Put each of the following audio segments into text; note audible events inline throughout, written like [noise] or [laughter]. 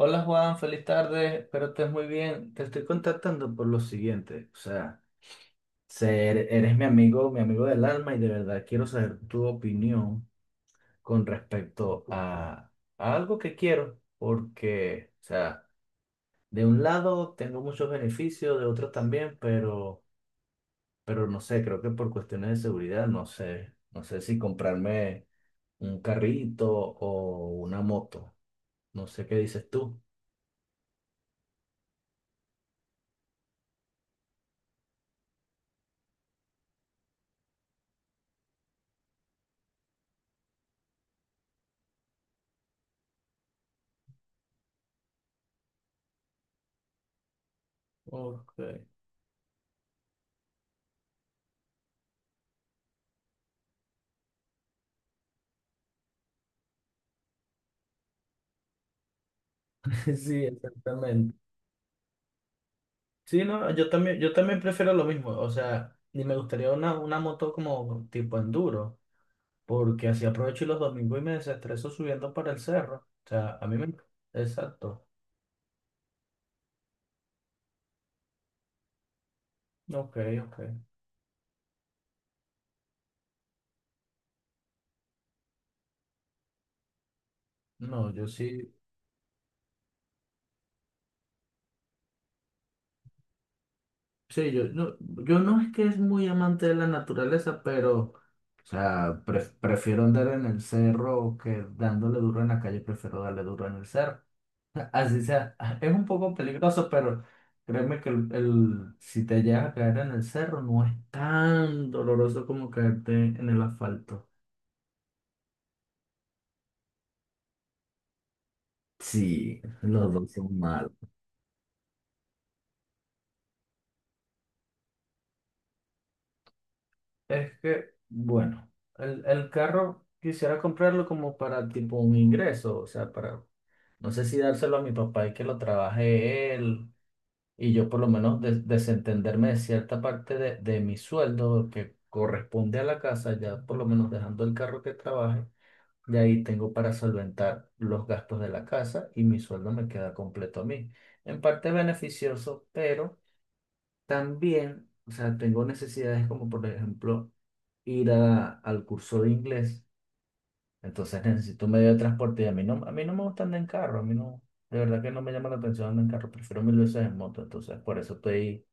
Hola Juan, feliz tarde, espero estés muy bien. Te estoy contactando por lo siguiente, o sea, eres mi amigo del alma y de verdad quiero saber tu opinión con respecto a algo que quiero, porque, o sea, de un lado tengo muchos beneficios, de otro también, pero no sé, creo que por cuestiones de seguridad, no sé, no sé si comprarme un carrito o una moto, no sé qué dices tú. Ok, [laughs] sí, exactamente. Sí, no, yo también prefiero lo mismo. O sea, ni me gustaría una moto como tipo enduro, porque así aprovecho los domingos y me desestreso subiendo para el cerro. O sea, a mí me... Exacto. Ok, ok. No, yo sí. Sí, yo no es que es muy amante de la naturaleza, pero, o sea, prefiero andar en el cerro que dándole duro en la calle, prefiero darle duro en el cerro. [laughs] Así sea, es un poco peligroso, pero créeme que si te llegas a caer en el cerro no es tan doloroso como caerte en el asfalto. Sí, los dos son malos. Es que, bueno, el carro quisiera comprarlo como para tipo un ingreso, o sea, para, no sé si dárselo a mi papá y que lo trabaje él, y yo por lo menos desentenderme de cierta parte de mi sueldo que corresponde a la casa, ya por lo menos dejando el carro que trabaje. De ahí tengo para solventar los gastos de la casa y mi sueldo me queda completo a mí. En parte beneficioso, pero también, o sea, tengo necesidades como por ejemplo ir al curso de inglés. Entonces necesito un medio de transporte y a mí no me gusta andar en carro, a mí no, de verdad que no me llama la atención andar en carro, prefiero mil veces en moto. Entonces por eso estoy,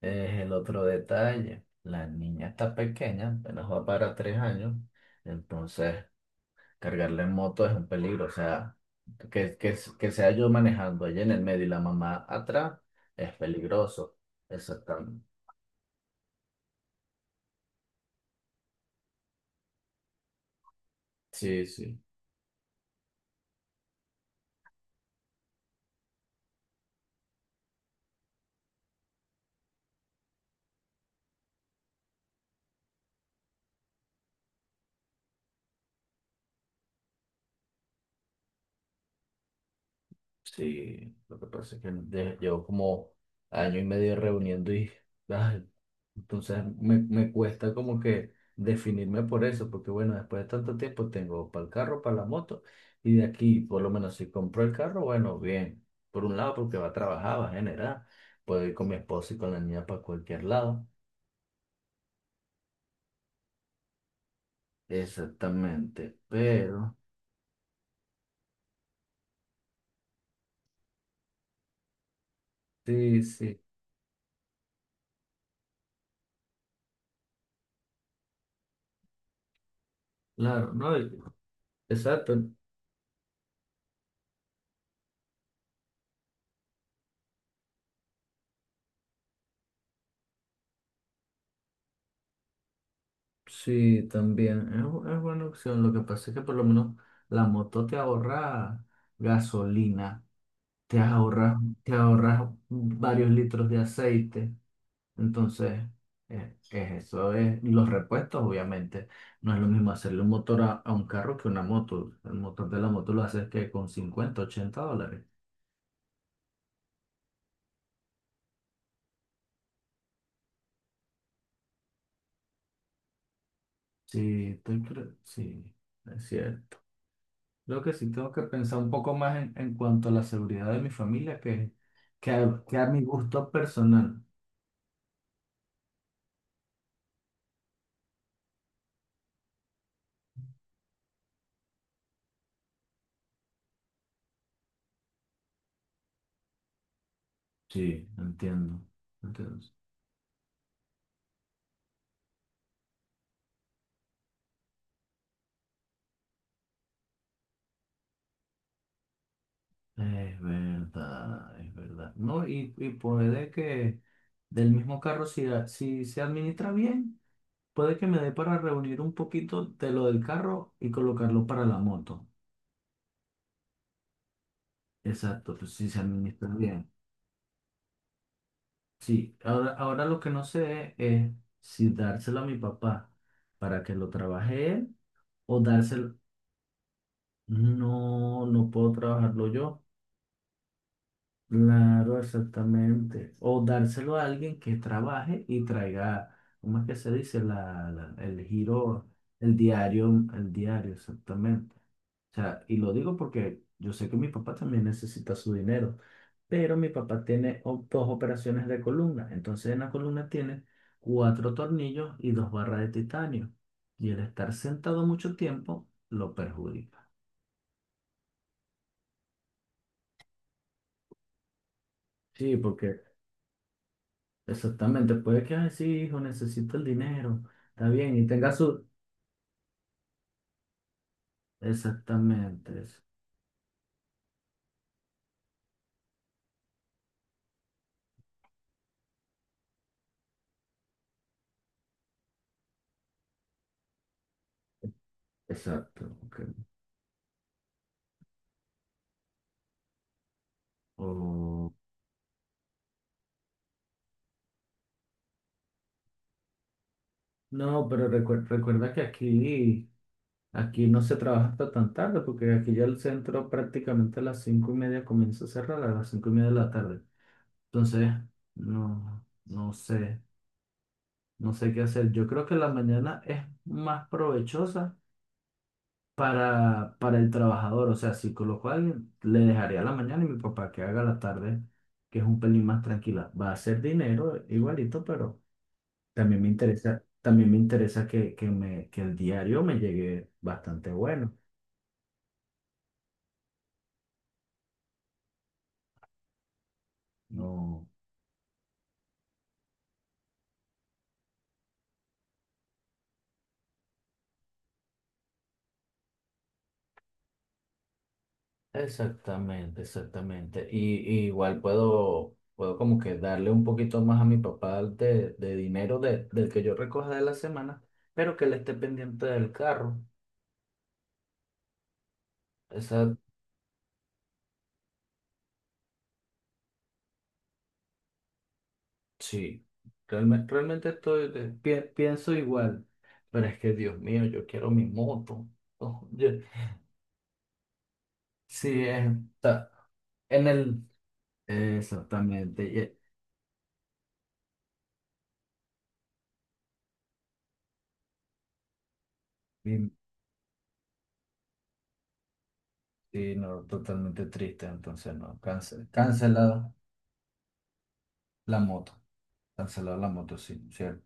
es el otro detalle. La niña está pequeña, apenas va para 3 años. Entonces... Cargarla en moto es un peligro, o sea, que sea yo manejando allá en el medio y la mamá atrás es peligroso. Exactamente. Sí, sí. Sí, lo que pasa es que llevo como 1 año y medio reuniendo y ay, entonces me cuesta como que definirme por eso, porque bueno, después de tanto tiempo tengo para el carro, para la moto y de aquí, por lo menos si compro el carro, bueno, bien, por un lado porque va a trabajar, va a generar, puedo ir con mi esposa y con la niña para cualquier lado, exactamente, pero sí, sí, claro, no, exacto. Sí, también. Es buena opción. Lo que pasa es que por lo menos la moto te ahorra gasolina, te ahorras, te ahorras varios litros de aceite. Entonces, eso es los repuestos, obviamente. No es lo mismo hacerle un motor a un carro que una moto. El motor de la moto lo haces que con $50 $80. Sí, sí, es cierto. Creo que sí tengo que pensar un poco más en cuanto a la seguridad de mi familia que, que a mi gusto personal. Sí, entiendo. Entiendo. Es verdad, es verdad. No, y puede que del mismo carro, si se administra bien, puede que me dé para reunir un poquito de lo del carro y colocarlo para la moto. Exacto, pues si se administra bien. Sí, ahora lo que no sé es si dárselo a mi papá para que lo trabaje él o dárselo. No, no puedo trabajarlo yo. Claro, exactamente. O dárselo a alguien que trabaje y traiga, ¿cómo es que se dice? El giro, el diario, el diario, exactamente. O sea, y lo digo porque yo sé que mi papá también necesita su dinero, pero mi papá tiene dos operaciones de columna. Entonces en la columna tiene 4 tornillos y dos barras de titanio. Y el estar sentado mucho tiempo lo perjudica. Sí, porque... Exactamente, puede que, ay, sí, hijo, necesito el dinero, está bien, y tenga su... Exactamente, exacto. Ok. O- No, pero recuerda que aquí, no se trabaja hasta tan tarde, porque aquí ya el centro prácticamente a las 5 y media comienza a cerrar, a las 5:30 de la tarde. Entonces, no, no sé, no sé qué hacer. Yo creo que la mañana es más provechosa para el trabajador. O sea, si coloco a alguien, le dejaría la mañana y mi papá que haga la tarde, que es un pelín más tranquila. Va a ser dinero igualito, pero también me interesa, que el diario me llegue bastante bueno. No. Exactamente, exactamente. Y igual puedo como que darle un poquito más a mi papá de dinero del que yo recoja de la semana, pero que él esté pendiente del carro. Esa Sí, realmente estoy, pienso igual, pero es que Dios mío, yo quiero mi moto. Oh, sí, está en el... Exactamente. Y- sí, no, totalmente triste, entonces no, la moto, cancelado la moto, sí, cierto.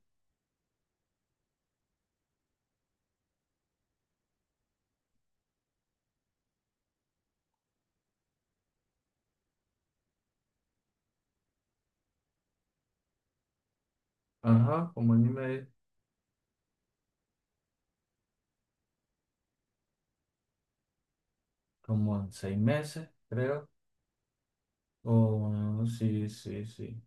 Ajá, como en 6 meses, creo. O sí, sí, sí.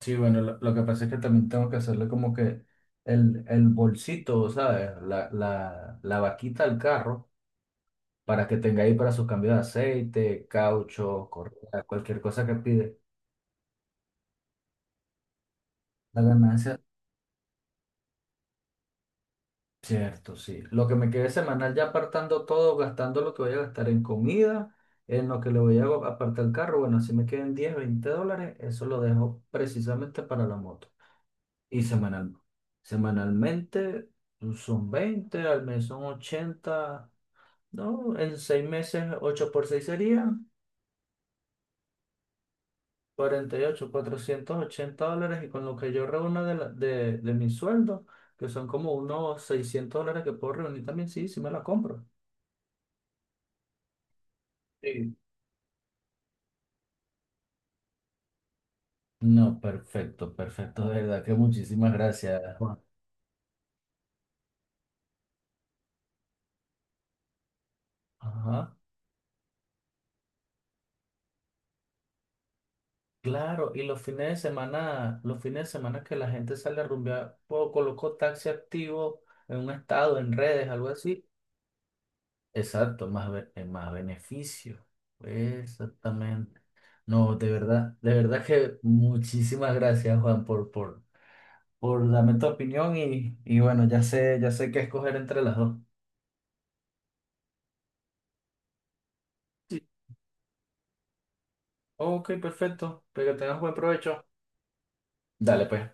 Sí, bueno, lo que pasa es que también tengo que hacerle como que el bolsito, ¿sabes? La vaquita al carro para que tenga ahí para su cambio de aceite, caucho, correa, cualquier cosa que pide. La ganancia, cierto, sí. Lo que me quede semanal ya apartando todo, gastando lo que voy a gastar en comida, en lo que le voy a apartar el carro, bueno, si me quedan $10 $20, eso lo dejo precisamente para la moto. Y semanal, semanalmente pues, son 20 al mes son 80, ¿no? En 6 meses, 8 por 6 serían 48, $480. Y con lo que yo reúno de mi sueldo, que son como unos $600 que puedo reunir también, sí, sí me la compro. Sí. No, perfecto, perfecto, de verdad que muchísimas gracias, Juan. Ajá. Claro, y los fines de semana, los fines de semana que la gente sale a rumbear, o colocó taxi activo en un estado, en redes, algo así. Exacto, más beneficio. Exactamente. No, de verdad que muchísimas gracias, Juan, por darme tu opinión y bueno, ya sé qué escoger entre las dos. Sí. Ok, perfecto. Pero que tengas buen provecho. Dale, pues.